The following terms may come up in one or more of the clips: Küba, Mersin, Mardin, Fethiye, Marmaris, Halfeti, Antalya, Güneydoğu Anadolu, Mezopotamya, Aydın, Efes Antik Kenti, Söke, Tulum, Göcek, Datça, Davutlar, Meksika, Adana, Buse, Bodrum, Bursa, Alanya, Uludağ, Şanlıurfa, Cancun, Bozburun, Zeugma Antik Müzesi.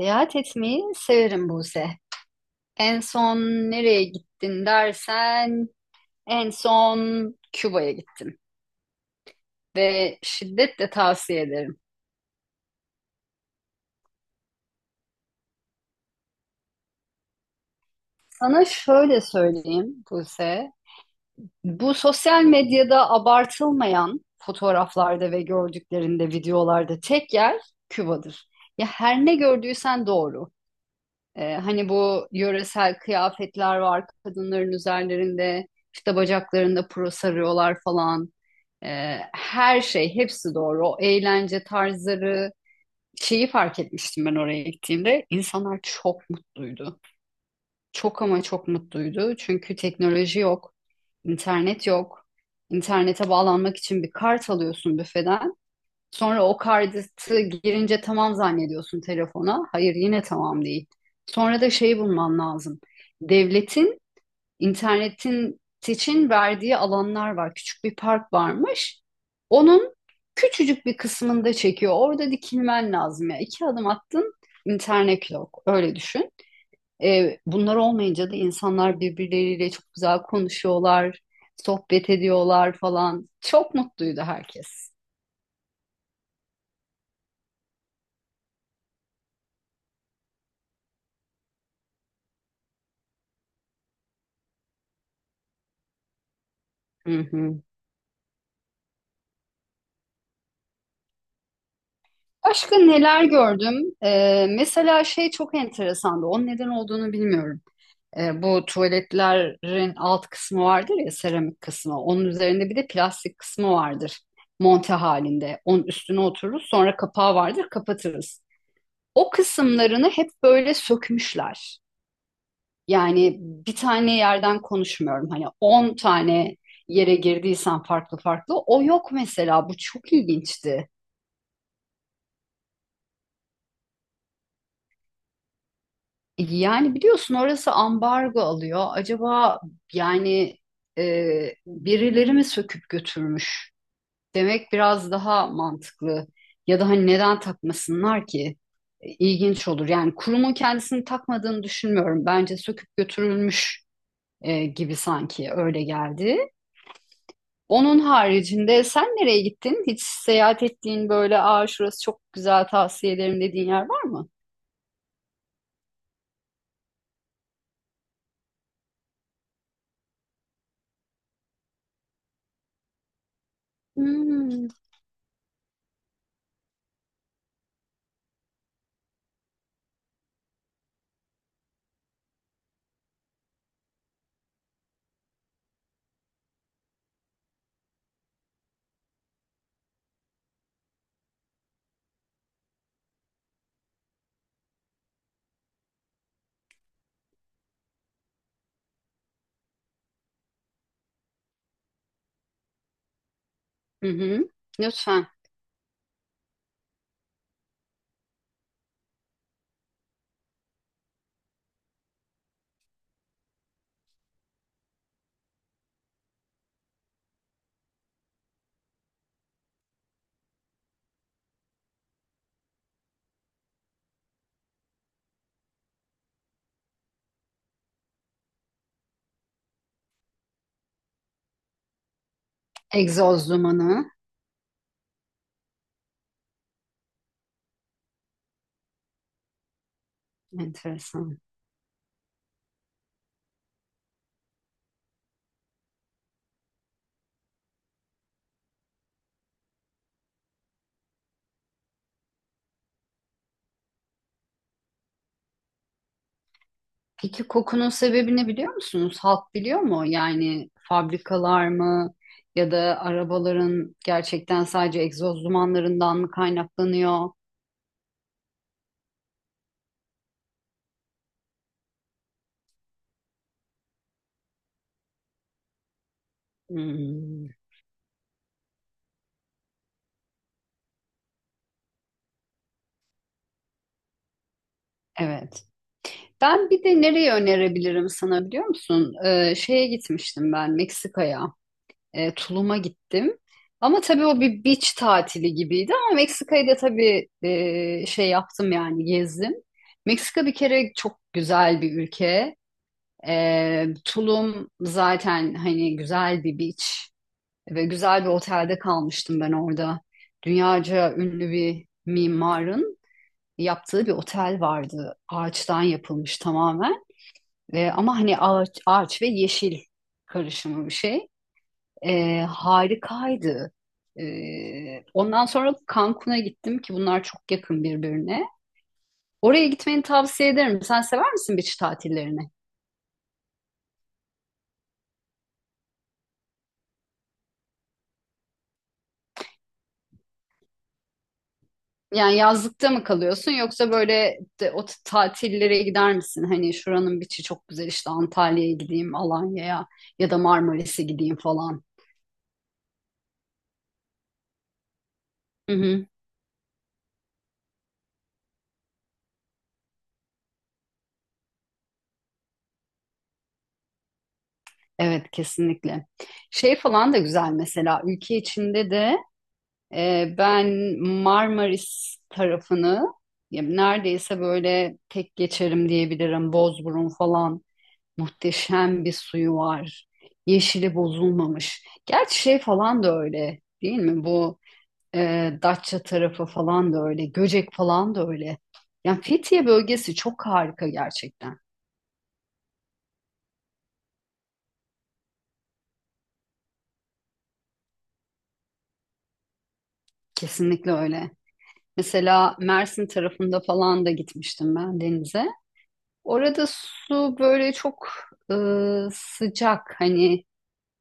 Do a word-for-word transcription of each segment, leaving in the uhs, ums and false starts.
Seyahat etmeyi severim Buse. En son nereye gittin dersen en son Küba'ya gittim ve şiddetle tavsiye ederim. Sana şöyle söyleyeyim Buse. Bu sosyal medyada abartılmayan fotoğraflarda ve gördüklerinde, videolarda tek yer Küba'dır. Ya her ne gördüysen doğru. Ee, hani bu yöresel kıyafetler var kadınların üzerlerinde, işte bacaklarında puro sarıyorlar falan. Ee, her şey, hepsi doğru. O eğlence tarzları, şeyi fark etmiştim ben oraya gittiğimde. İnsanlar çok mutluydu. Çok ama çok mutluydu. Çünkü teknoloji yok, internet yok. İnternete bağlanmak için bir kart alıyorsun büfeden. Sonra o kartı girince tamam zannediyorsun telefona. Hayır, yine tamam değil. Sonra da şeyi bulman lazım. Devletin İnternetin için verdiği alanlar var. Küçük bir park varmış. Onun küçücük bir kısmında çekiyor. Orada dikilmen lazım ya. İki adım attın, internet yok. Öyle düşün. Ee, bunlar olmayınca da insanlar birbirleriyle çok güzel konuşuyorlar, sohbet ediyorlar falan. Çok mutluydu herkes. Hı hı. Başka neler gördüm? Ee, mesela şey çok enteresandı. Onun neden olduğunu bilmiyorum. E, bu tuvaletlerin alt kısmı vardır ya, seramik kısmı. Onun üzerinde bir de plastik kısmı vardır. Monte halinde. Onun üstüne otururuz. Sonra kapağı vardır. Kapatırız. O kısımlarını hep böyle sökmüşler. Yani bir tane yerden konuşmuyorum. Hani on tane yere girdiysen farklı farklı. O yok mesela. Bu çok ilginçti. E, Yani biliyorsun orası ambargo alıyor. Acaba, yani e, birileri mi söküp götürmüş demek biraz daha mantıklı. Ya da hani neden takmasınlar ki? E, İlginç olur. Yani kurumun kendisini takmadığını düşünmüyorum. Bence söküp götürülmüş e, gibi, sanki öyle geldi. Onun haricinde sen nereye gittin? Hiç seyahat ettiğin böyle aa şurası çok güzel, tavsiye ederim dediğin yer var mı? Hmm. Hı hı. Lütfen. Egzoz dumanı. Enteresan. Peki kokunun sebebini biliyor musunuz? Halk biliyor mu? Yani fabrikalar mı ya da arabaların gerçekten sadece egzoz dumanlarından mı kaynaklanıyor? Hmm, evet. Ben bir de nereye önerebilirim sana, biliyor musun? Ee, şeye gitmiştim ben, Meksika'ya. Ee, Tulum'a gittim. Ama tabii o bir beach tatili gibiydi, ama Meksika'yı da tabii e, şey yaptım, yani gezdim. Meksika bir kere çok güzel bir ülke. Ee, Tulum zaten hani güzel bir beach ve güzel bir otelde kalmıştım ben orada. Dünyaca ünlü bir mimarın yaptığı bir otel vardı. Ağaçtan yapılmış tamamen. Ve, ama hani ağaç, ağaç ve yeşil karışımı bir şey. Ee, harikaydı. Ee, ondan sonra Cancun'a gittim ki bunlar çok yakın birbirine. Oraya gitmeni tavsiye ederim. Sen sever misin beach tatillerini? Yani yazlıkta mı kalıyorsun, yoksa böyle de, o t- tatillere gider misin? Hani şuranın biçi çok güzel, işte Antalya'ya gideyim, Alanya'ya ya da Marmaris'e gideyim falan. Hı hı. Evet, kesinlikle. Şey falan da güzel mesela, ülke içinde de e, ben Marmaris tarafını ya neredeyse böyle tek geçerim diyebilirim. Bozburun falan, muhteşem bir suyu var. Yeşili bozulmamış. Gerçi şey falan da öyle değil mi bu? E, Datça tarafı falan da öyle. Göcek falan da öyle. Yani Fethiye bölgesi çok harika gerçekten. Kesinlikle öyle. Mesela Mersin tarafında falan da gitmiştim ben denize. Orada su böyle çok e, sıcak. Hani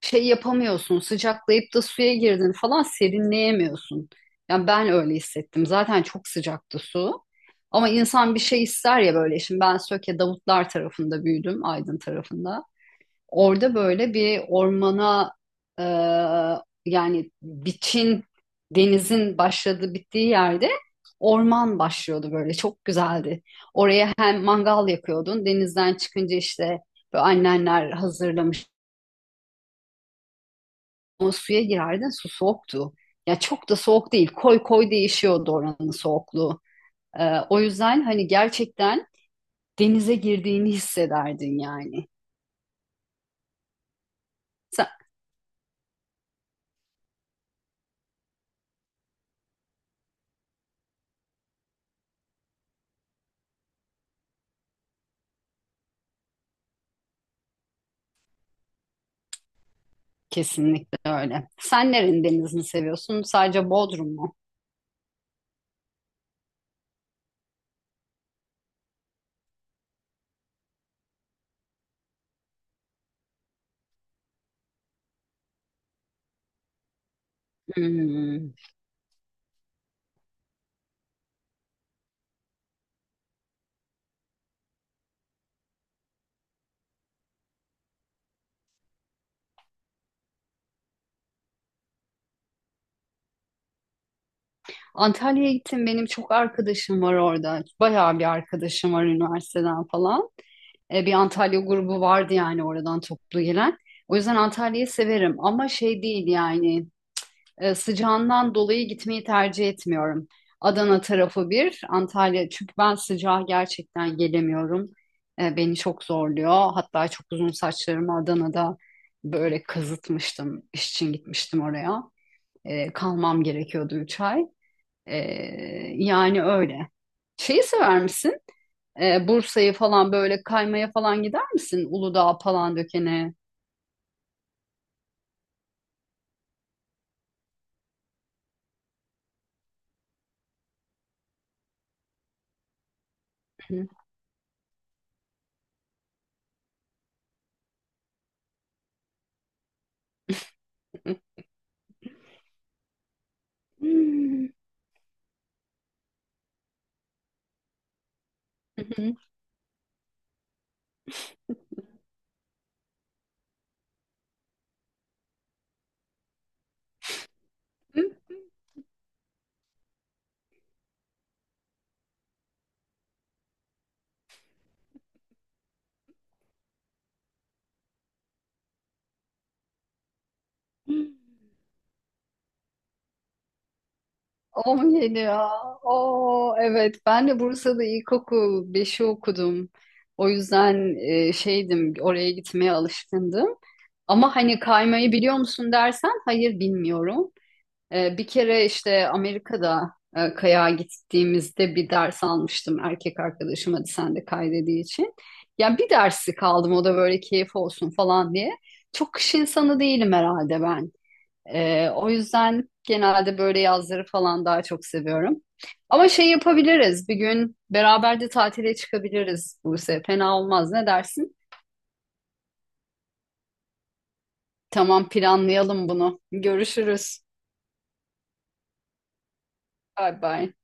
şey yapamıyorsun. Sıcaklayıp da suya girdin falan, serinleyemiyorsun. Yani ben öyle hissettim. Zaten çok sıcaktı su. Ama insan bir şey ister ya böyle. Şimdi ben Söke Davutlar tarafında büyüdüm, Aydın tarafında. Orada böyle bir ormana e, yani biçin, denizin başladığı bittiği yerde orman başlıyordu, böyle çok güzeldi. Oraya hem mangal yakıyordun denizden çıkınca, işte böyle annenler hazırlamış, ama suya girerdin, su soğuktu. Ya çok da soğuk değil, koy koy değişiyordu oranın soğukluğu. E, o yüzden hani gerçekten denize girdiğini hissederdin yani. Kesinlikle öyle. Sen nerenin denizini seviyorsun? Sadece Bodrum mu? Hmm. Antalya'ya gittim. Benim çok arkadaşım var orada. Bayağı bir arkadaşım var üniversiteden falan. E, bir Antalya grubu vardı yani, oradan toplu gelen. O yüzden Antalya'yı severim, ama şey değil yani e, sıcağından dolayı gitmeyi tercih etmiyorum. Adana tarafı bir, Antalya. Çünkü ben sıcağa gerçekten gelemiyorum. E, beni çok zorluyor. Hatta çok uzun saçlarımı Adana'da böyle kazıtmıştım. İş için gitmiştim oraya. E, kalmam gerekiyordu üç ay. E, Yani öyle. Şeyi sever misin? E, Bursa'yı falan böyle kaymaya falan gider misin? Uludağ falan dökene. on yedi ya. Oo, evet, ben de Bursa'da ilkokul beşi okudum. O yüzden e, şeydim, oraya gitmeye alışkındım. Ama hani kaymayı biliyor musun dersen, hayır, bilmiyorum. E, bir kere işte Amerika'da e, kayağa gittiğimizde bir ders almıştım, erkek arkadaşım hadi sen de kay dediği için. Ya bir dersi kaldım, o da böyle keyif olsun falan diye. Çok kış insanı değilim herhalde ben. Ee, o yüzden genelde böyle yazları falan daha çok seviyorum. Ama şey yapabiliriz. Bir gün beraber de tatile çıkabiliriz Buse. Fena olmaz. Ne dersin? Tamam, planlayalım bunu. Görüşürüz. Bay bay.